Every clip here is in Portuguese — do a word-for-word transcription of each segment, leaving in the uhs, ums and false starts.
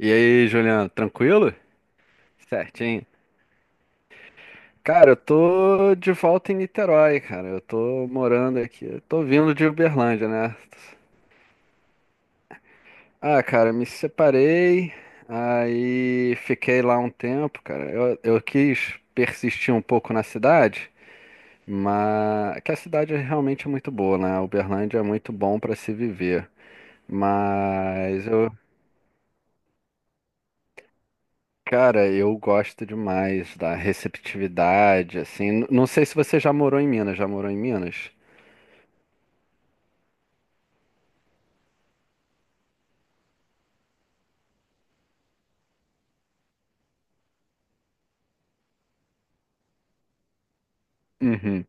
E aí, Juliano, tranquilo? Certinho. Cara, eu tô de volta em Niterói, cara. Eu tô morando aqui. Eu tô vindo de Uberlândia, né? Ah, cara, me separei, aí fiquei lá um tempo, cara. Eu, eu quis persistir um pouco na cidade, mas que a cidade é realmente muito boa, né? Uberlândia é muito bom pra se viver. Mas eu cara, eu gosto demais da receptividade, assim. N- Não sei se você já morou em Minas, já morou em Minas? Uhum.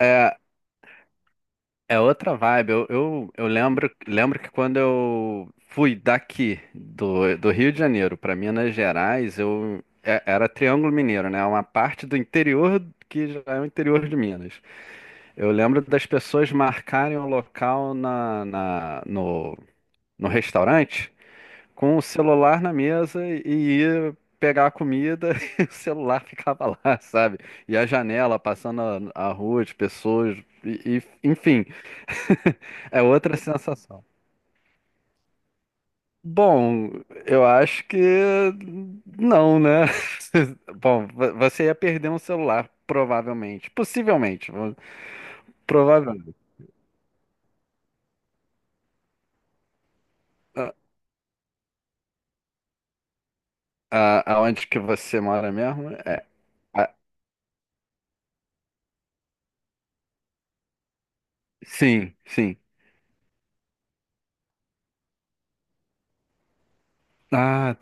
É, é outra vibe. Eu, eu, eu lembro, lembro que quando eu fui daqui, do, do Rio de Janeiro para Minas Gerais, eu é- era Triângulo Mineiro, né? Uma parte do interior que já é o interior de Minas. Eu lembro das pessoas marcarem o local na, na, no, no restaurante com o celular na mesa e ia pegar a comida e o celular ficava lá, sabe? E a janela passando a, a rua de pessoas, e, e- enfim, é outra sensação. Bom, eu acho que não, né? Bom, vo- você ia perder um celular, provavelmente. Possivelmente, vo- provavelmente. A- a- Aonde que você mora mesmo? É, a- sim, sim. Ah,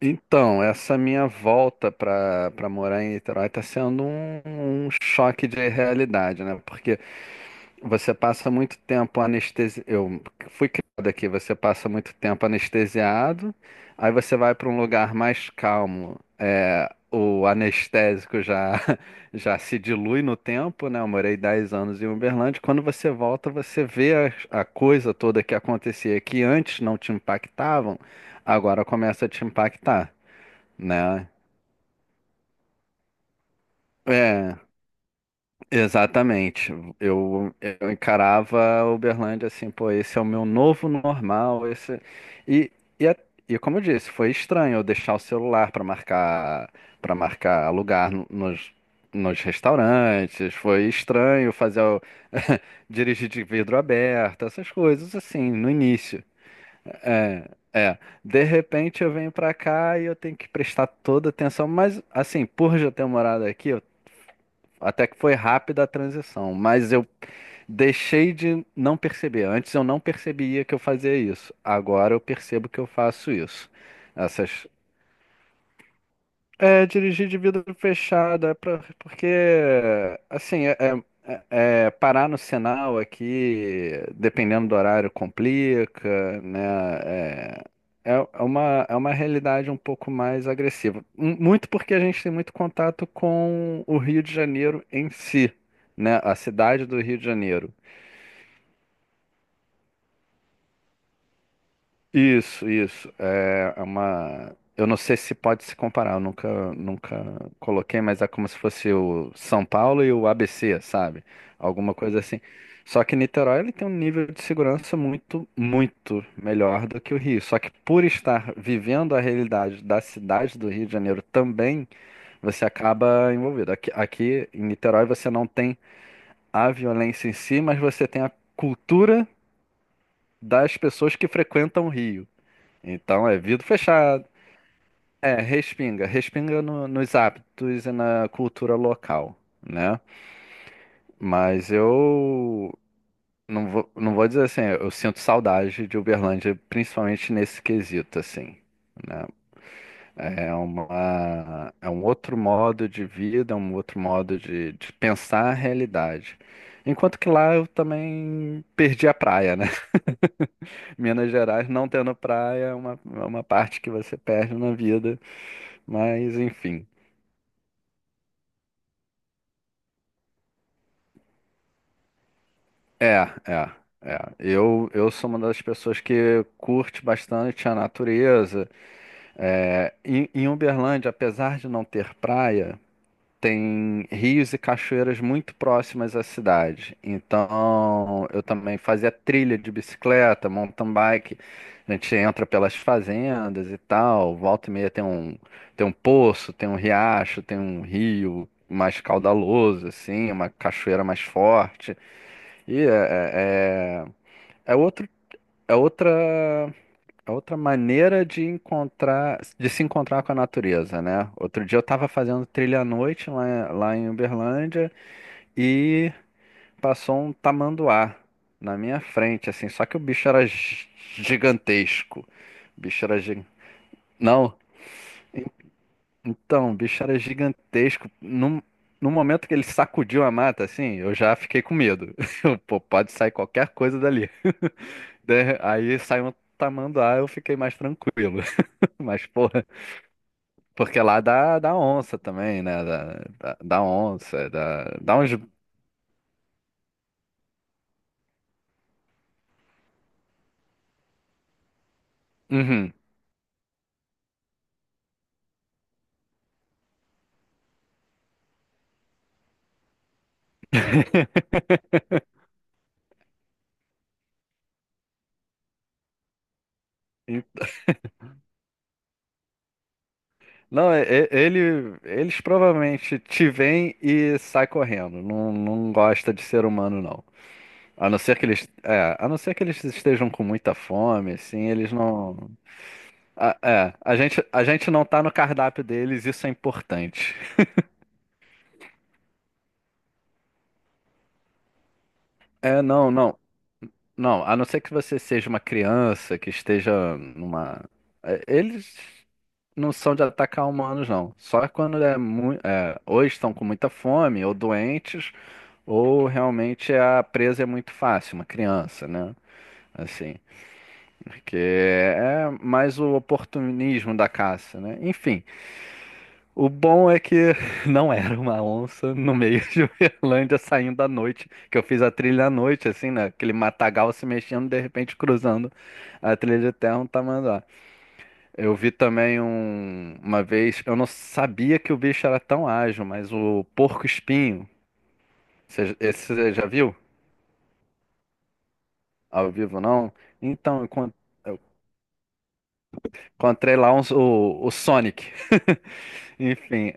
então, essa minha volta para para morar em Niterói está sendo um, um choque de realidade, né? Porque você passa muito tempo anestesiado. Eu fui criado aqui, você passa muito tempo anestesiado, aí você vai para um lugar mais calmo. É, o anestésico já, já se dilui no tempo, né? Eu morei dez anos em Uberlândia. Quando você volta, você vê a, a, coisa toda que acontecia que antes não te impactavam, agora começa a te impactar né? É, exatamente. Eu, eu encarava a Uberlândia assim, pô, esse é o meu novo normal, esse e, e, a- e como eu disse, foi estranho eu deixar o celular para marcar para marcar lugar no- nos nos restaurantes, foi estranho fazer o, dirigir de vidro aberto, essas coisas assim, no início. É, é. De repente eu venho pra cá e eu tenho que prestar toda atenção, mas assim, por já ter morado aqui, até que foi rápida a transição, mas eu deixei de não perceber. Antes eu não percebia que eu fazia isso. Agora eu percebo que eu faço isso. Essas é, dirigir de vidro fechado, é pra- porque, assim, é, é- é- é parar no sinal aqui, dependendo do horário, complica, né? É, é é uma, é uma realidade um pouco mais agressiva. M- Muito porque a gente tem muito contato com o Rio de Janeiro em si, né? A cidade do Rio de Janeiro. Isso, isso. É é uma. Eu não sei se pode se comparar, eu nunca, nunca coloquei, mas é como se fosse o São Paulo e o A B C, sabe? Alguma coisa assim. Só que Niterói ele tem um nível de segurança muito, muito melhor do que o Rio. Só que por estar vivendo a realidade da cidade do Rio de Janeiro também, você acaba envolvido. Aqui, aqui em Niterói você não tem a violência em si, mas você tem a cultura das pessoas que frequentam o Rio. Então é vidro fechado. É, respinga. Respinga no- nos hábitos e na cultura local, né? Mas eu não vou, não vou dizer assim, eu sinto saudade de Uberlândia, principalmente nesse quesito, assim, né? É uma, é um outro modo de vida, é um outro modo de, de pensar a realidade. Enquanto que lá eu também perdi a praia, né? Minas Gerais não tendo praia é uma, é uma parte que você perde na vida, mas enfim. É, é, é. Eu, eu sou uma das pessoas que curte bastante a natureza. É, em, em Uberlândia, apesar de não ter praia, tem rios e cachoeiras muito próximas à cidade. Então, eu também fazia trilha de bicicleta, mountain bike. A gente entra pelas fazendas e tal. Volta e meia tem um, tem um poço, tem um riacho, tem um rio mais caudaloso, assim, uma cachoeira mais forte. E é, é- é é outro, é outra, é outra maneira de encontrar, de se encontrar com a natureza, né? Outro dia eu estava fazendo trilha à noite lá, lá em Uberlândia e passou um tamanduá na minha frente, assim, só que o bicho era gi- gigantesco. O bicho era gi- Não, então, o bicho era gigantesco. Num, no momento que ele sacudiu a mata, assim, eu já fiquei com medo. Eu, pô, pode sair qualquer coisa dali. De- Aí saiu um tamanduá, eu fiquei mais tranquilo. Mas, porra, porque lá dá, dá onça também, né? Dá, dá, dá onça, dá, dá uns. Uhum. E- Não, e- e- ele, eles provavelmente te veem e sai correndo. Não, não gosta de ser humano, não. A não ser que eles, é, a não ser que eles estejam com muita fome, assim, eles não. A, é, a gente, a gente não tá no cardápio deles, isso é importante. É, não, não. Não, a não ser que você seja uma criança que esteja numa. é, Eles não são de atacar humanos, não. Só quando é muito. É, ou estão com muita fome, ou doentes, ou realmente a presa é muito fácil, uma criança, né? Assim. Porque é mais o oportunismo da caça, né? Enfim. O bom é que não era uma onça no meio de Uberlândia saindo à noite, que eu fiz a trilha à noite, assim, né? Aquele matagal se mexendo, de repente cruzando a trilha de terra um tamanduá. Eu vi também um, uma vez, eu não sabia que o bicho era tão ágil, mas o porco-espinho, você- esse você já viu? Ao vivo, não? Então, eu encon- eu encontrei lá uns- o, o Sonic. Enfim,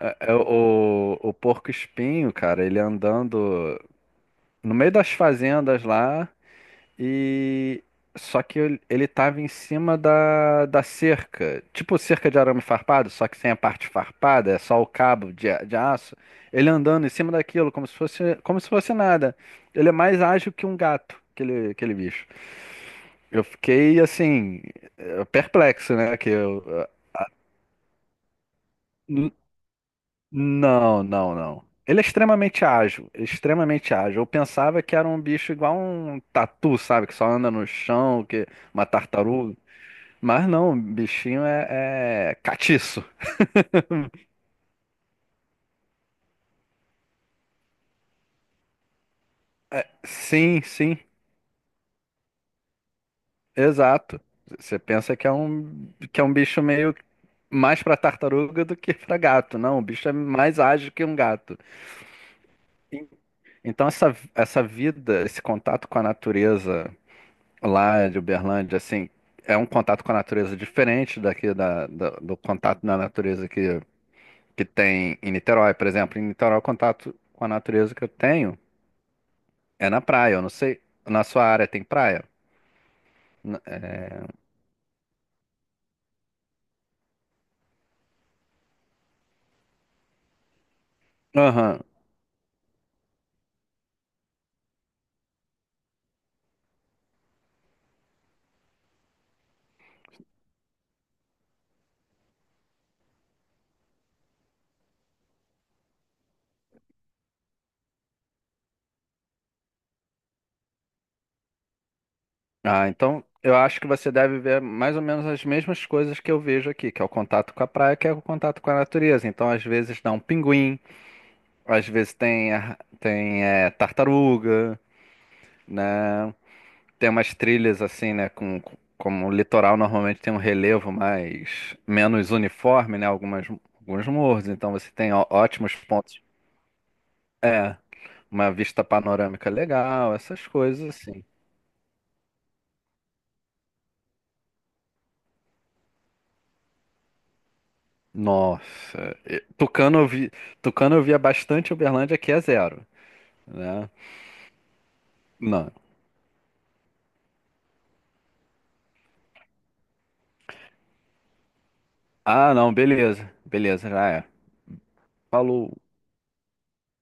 é- é o, o porco-espinho, cara, ele andando no meio das fazendas lá e só que ele ele tava em cima da, da cerca, tipo cerca de arame farpado, só que sem a parte farpada, é só o cabo de, a- de aço. Ele andando em cima daquilo como se fosse como se fosse nada. Ele é mais ágil que um gato, aquele, aquele bicho. Eu fiquei assim eh, perplexo, né? Que eu, não, não, não. Ele é extremamente ágil, extremamente ágil. Eu pensava que era um bicho igual um tatu, sabe? Que só anda no chão, que uma tartaruga. Mas não, o bichinho é, é catiço. Sim, sim, exato. Você pensa que é um, que é um bicho meio mais para tartaruga do que para gato. Não, o bicho é mais ágil que um gato. Então essa, essa vida, esse contato com a natureza lá de Uberlândia, assim, é um contato com a natureza diferente daqui da, da- do contato na natureza que, que tem em Niterói, por exemplo. Em Niterói, o contato com a natureza que eu tenho é na praia. Eu não sei, na sua área tem praia? N- Aham. Ah, então eu acho que você deve ver mais ou menos as mesmas coisas que eu vejo aqui, que é o contato com a praia, que é o contato com a natureza. Então, às vezes dá um pinguim, às vezes tem, a- tem eh, tartaruga, né? Tem umas trilhas assim, né? Com, com- como o litoral normalmente tem um relevo mais menos uniforme, né? Algumas, alguns morros, então você tem ó- ótimos pontos. É, uma vista panorâmica legal, essas coisas assim. Nossa, e- tucano eu vi, tucano eu via bastante Uberlândia, aqui é zero, né? Não. Ah, não, beleza, beleza, já é. Falou.